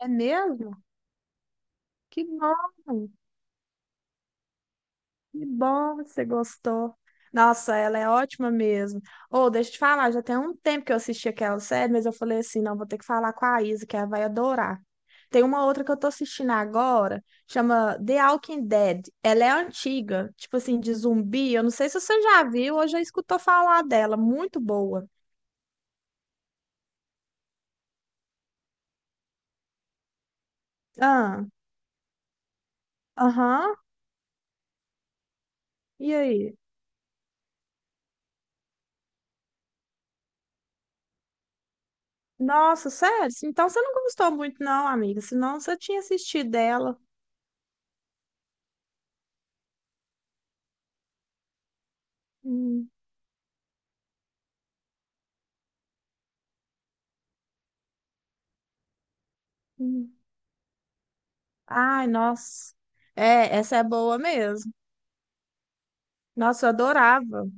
É mesmo? Que bom, que bom que você gostou. Nossa, ela é ótima mesmo. Ô, deixa eu te falar, já tem um tempo que eu assisti aquela série, mas eu falei assim, não, vou ter que falar com a Isa, que ela vai adorar. Tem uma outra que eu tô assistindo agora, chama The Walking Dead. Ela é antiga, tipo assim, de zumbi. Eu não sei se você já viu ou já escutou falar dela. Muito boa. Ah, aham. E aí? Nossa, sério? Então você não gostou muito, não, amiga. Senão você tinha assistido dela. Hum. Ai, nossa. É, essa é boa mesmo. Nossa, eu adorava.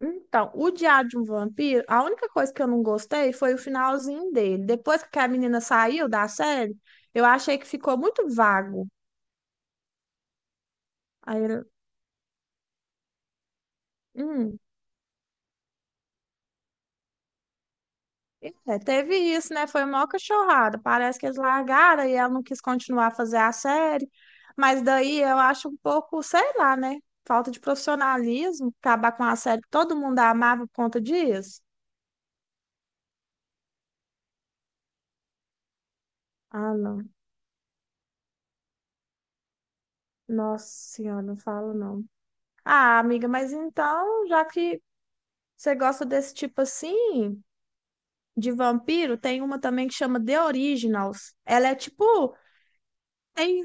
Então, o Diário de um Vampiro, a única coisa que eu não gostei foi o finalzinho dele. Depois que a menina saiu da série, eu achei que ficou muito vago. Aí, hum, é, teve isso, né? Foi uma cachorrada. Parece que eles largaram e ela não quis continuar a fazer a série. Mas daí eu acho um pouco, sei lá, né? Falta de profissionalismo, acabar com a série que todo mundo amava por conta disso. Ah, não. Nossa senhora, não falo não. Ah, amiga, mas então, já que você gosta desse tipo assim, de vampiro, tem uma também que chama The Originals. Ela é tipo, tem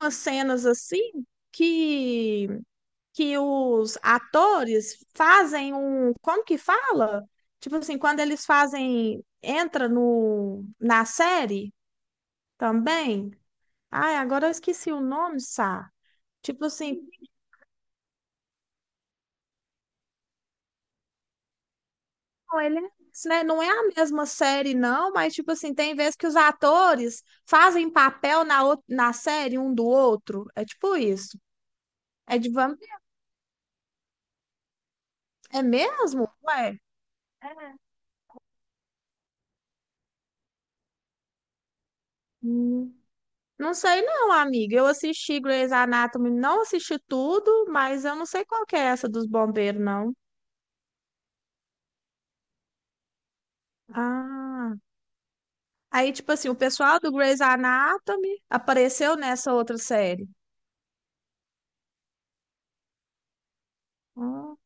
umas cenas assim que que os atores fazem um, como que fala? Tipo assim, quando eles fazem, entra no na série também. Ai, agora eu esqueci o nome, Sá. Tipo assim, não, ele é, né? Não é a mesma série, não, mas, tipo assim, tem vezes que os atores fazem papel na, ou- na série um do outro. É tipo isso. É de vampiro. É mesmo? Ué. É. Hum. Não sei não, amiga. Eu assisti Grey's Anatomy, não assisti tudo, mas eu não sei qual que é essa dos bombeiros, não. Ah. Aí, tipo assim, o pessoal do Grey's Anatomy apareceu nessa outra série. Ah,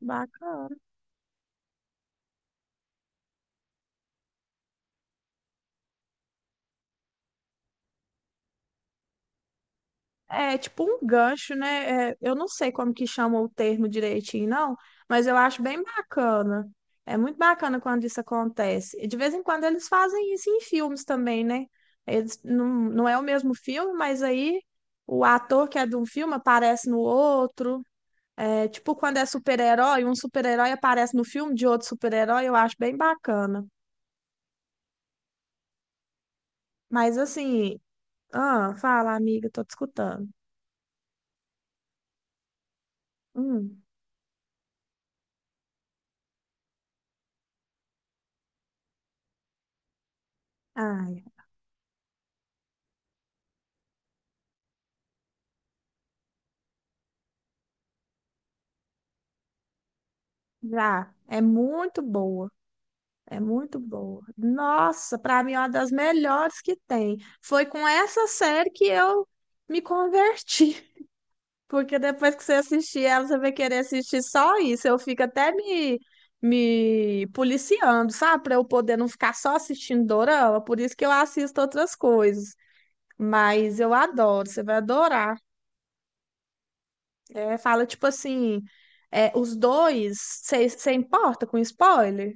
bacana. É tipo um gancho, né? É, eu não sei como que chama o termo direitinho, não, mas eu acho bem bacana. É muito bacana quando isso acontece. E de vez em quando eles fazem isso em filmes também, né? Eles, não, não é o mesmo filme, mas aí o ator que é de um filme aparece no outro. É tipo quando é super-herói, um super-herói aparece no filme de outro super-herói, eu acho bem bacana. Mas assim, ah, fala, amiga, tô te escutando. Hum, ai, já. É muito boa. É muito boa. Nossa, para mim é uma das melhores que tem. Foi com essa série que eu me converti, porque depois que você assistir ela, você vai querer assistir só isso. Eu fico até me policiando, sabe? Para eu poder não ficar só assistindo dorama, por isso que eu assisto outras coisas. Mas eu adoro, você vai adorar. É, fala tipo assim, é, os dois, você importa com spoiler?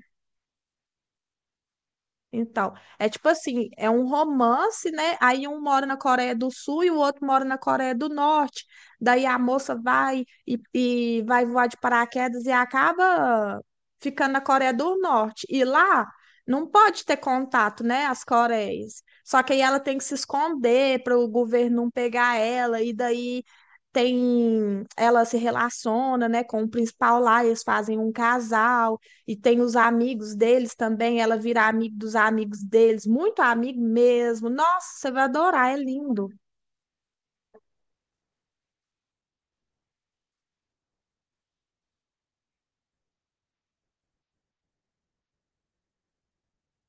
Então, é tipo assim, é um romance, né? Aí um mora na Coreia do Sul e o outro mora na Coreia do Norte. Daí a moça vai e vai voar de paraquedas e acaba ficando na Coreia do Norte. E lá não pode ter contato, né? As Coreias. Só que aí ela tem que se esconder para o governo não pegar ela. E daí tem, ela se relaciona, né, com o principal lá. Eles fazem um casal e tem os amigos deles também, ela vira amigo dos amigos deles, muito amigo mesmo. Nossa, você vai adorar, é lindo.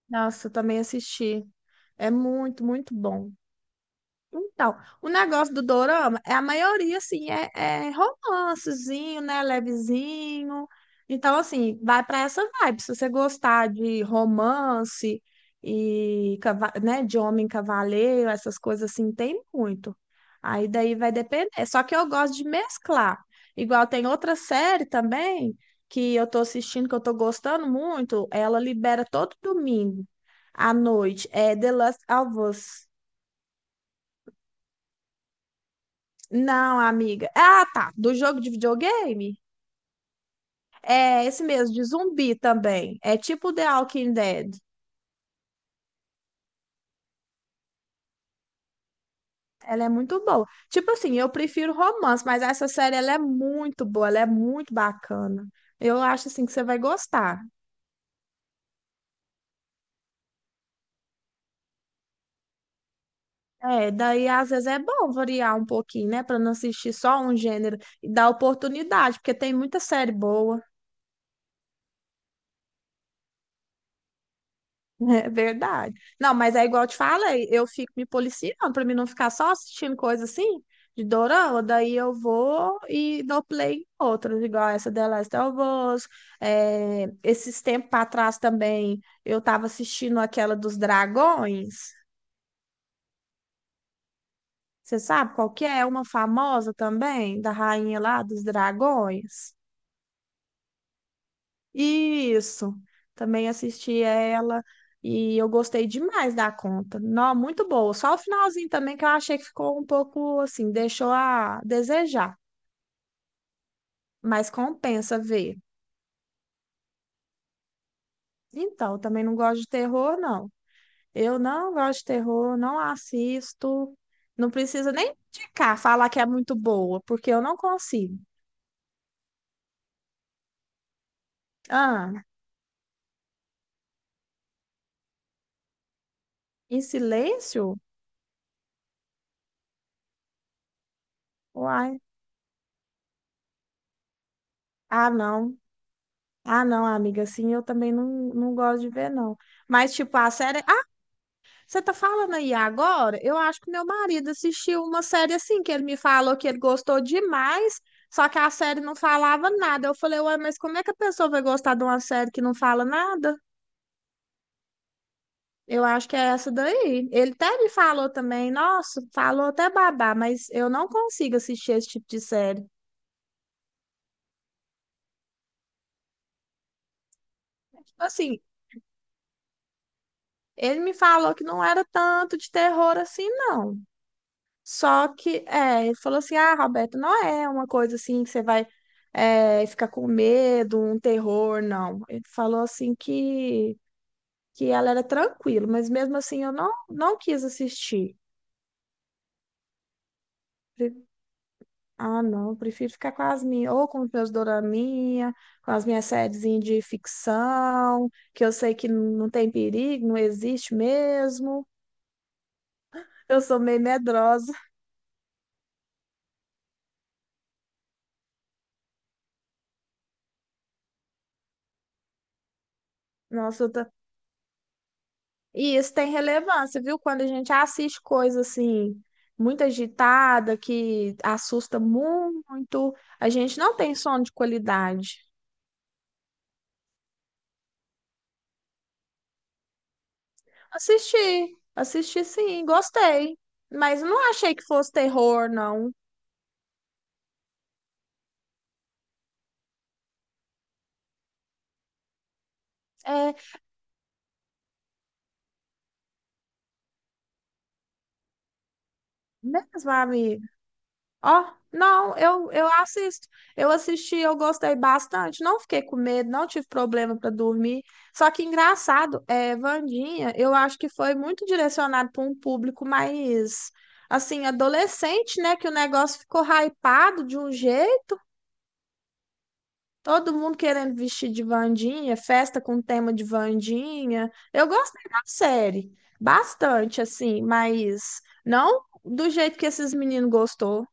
Nossa, eu também assisti. É muito, muito bom. Então, o negócio do dorama é a maioria, assim, é, é romancezinho, né? Levezinho. Então, assim, vai para essa vibe. Se você gostar de romance e, cava- né, de homem cavaleiro, essas coisas assim, tem muito. Aí daí vai depender. Só que eu gosto de mesclar. Igual tem outra série também que eu tô assistindo, que eu tô gostando muito. Ela libera todo domingo à noite. É The Last of Us. Não, amiga. Ah, tá. Do jogo de videogame? É esse mesmo, de zumbi também. É tipo The Walking Dead. Ela é muito boa. Tipo assim, eu prefiro romance, mas essa série ela é muito boa, ela é muito bacana. Eu acho assim que você vai gostar. É, daí às vezes é bom variar um pouquinho, né, pra não assistir só um gênero e dar oportunidade, porque tem muita série boa. É verdade. Não, mas é igual eu te falei, eu fico me policiando pra mim não ficar só assistindo coisa assim de dorama, daí eu vou e dou play em outras, igual essa The Last of Us. É, esses tempos pra trás também eu tava assistindo aquela dos dragões. Você sabe qual que é? É uma famosa também, da rainha lá dos dragões. Isso, também assisti ela e eu gostei demais da conta. Não, muito boa. Só o finalzinho também que eu achei que ficou um pouco assim, deixou a desejar, mas compensa ver. Então, eu também não gosto de terror, não. Eu não gosto de terror, não assisto. Não precisa nem indicar, falar que é muito boa, porque eu não consigo. Ah, em silêncio? Uai. Ah, não. Ah, não, amiga, assim eu também não gosto de ver, não. Mas, tipo, a série você tá falando aí agora? Eu acho que meu marido assistiu uma série assim, que ele me falou que ele gostou demais, só que a série não falava nada. Eu falei, ué, mas como é que a pessoa vai gostar de uma série que não fala nada? Eu acho que é essa daí. Ele até me falou também, nossa, falou até babá, mas eu não consigo assistir esse tipo de série. Tipo assim, ele me falou que não era tanto de terror assim, não. Só que, é, ele falou assim: ah, Roberto, não é uma coisa assim que você vai é, ficar com medo, um terror, não. Ele falou assim que ela era tranquila, mas mesmo assim eu não quis assistir. Pre- ah, não, prefiro ficar com as minhas, ou com os meus doraminha, com as minhas sériezinhas de ficção, que eu sei que não tem perigo, não existe mesmo. Eu sou meio medrosa. Nossa, eu e isso tem relevância, viu? Quando a gente assiste coisa assim, muito agitada, que assusta muito, a gente não tem sono de qualidade. Assisti, assisti sim, gostei. Mas não achei que fosse terror, não. É mesmo, amigo. Ó, não, eu assisto. Eu assisti, eu gostei bastante. Não fiquei com medo, não tive problema para dormir. Só que engraçado, é, Wandinha, eu acho que foi muito direcionado para um público mais, assim, adolescente, né? Que o negócio ficou hypado de um jeito. Todo mundo querendo vestir de Wandinha, festa com tema de Wandinha. Eu gostei da série, bastante, assim, mas não do jeito que esses meninos gostou.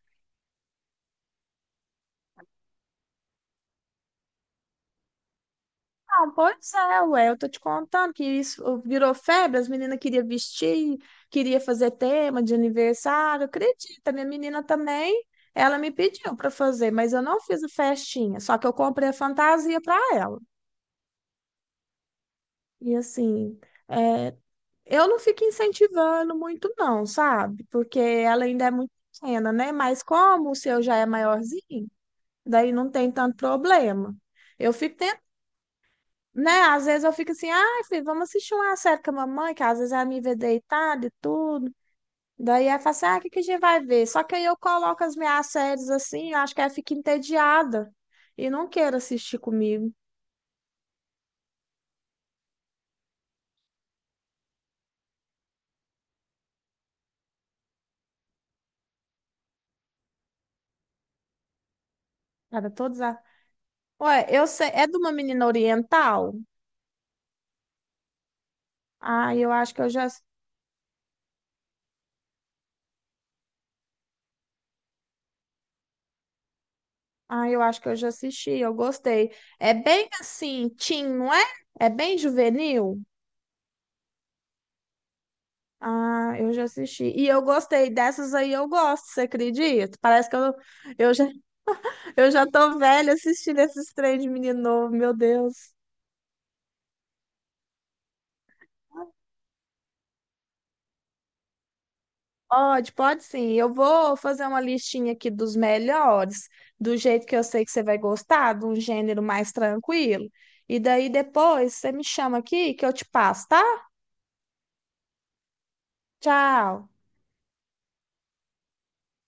Não, pois é, ué, eu tô te contando que isso virou febre, as meninas queriam vestir, queria fazer tema de aniversário, acredita, minha menina também, ela me pediu para fazer, mas eu não fiz a festinha, só que eu comprei a fantasia para ela. E assim, é, eu não fico incentivando muito não, sabe? Porque ela ainda é muito pequena, né? Mas como o seu já é maiorzinho, daí não tem tanto problema. Eu fico né? Às vezes eu fico assim, ai, filho, vamos assistir uma série com a mamãe, que às vezes ela me vê deitada e tudo. Daí ela fala assim, ah, o que que a gente vai ver? Só que aí eu coloco as minhas séries assim, eu acho que ela fica entediada e não quer assistir comigo. Era todas a... Ué, eu sei, é de uma menina oriental? Ah, eu acho que eu já, ah, eu acho que eu já assisti, eu gostei. É bem assim, teen, não é? É bem juvenil? Ah, eu já assisti. E eu gostei dessas aí, eu gosto, você acredita? Parece que eu já Eu já tô velha assistindo esses trem de menino novo, meu Deus. Pode, pode sim. Eu vou fazer uma listinha aqui dos melhores, do jeito que eu sei que você vai gostar, de um gênero mais tranquilo. E daí depois você me chama aqui que eu te passo, tá? Tchau.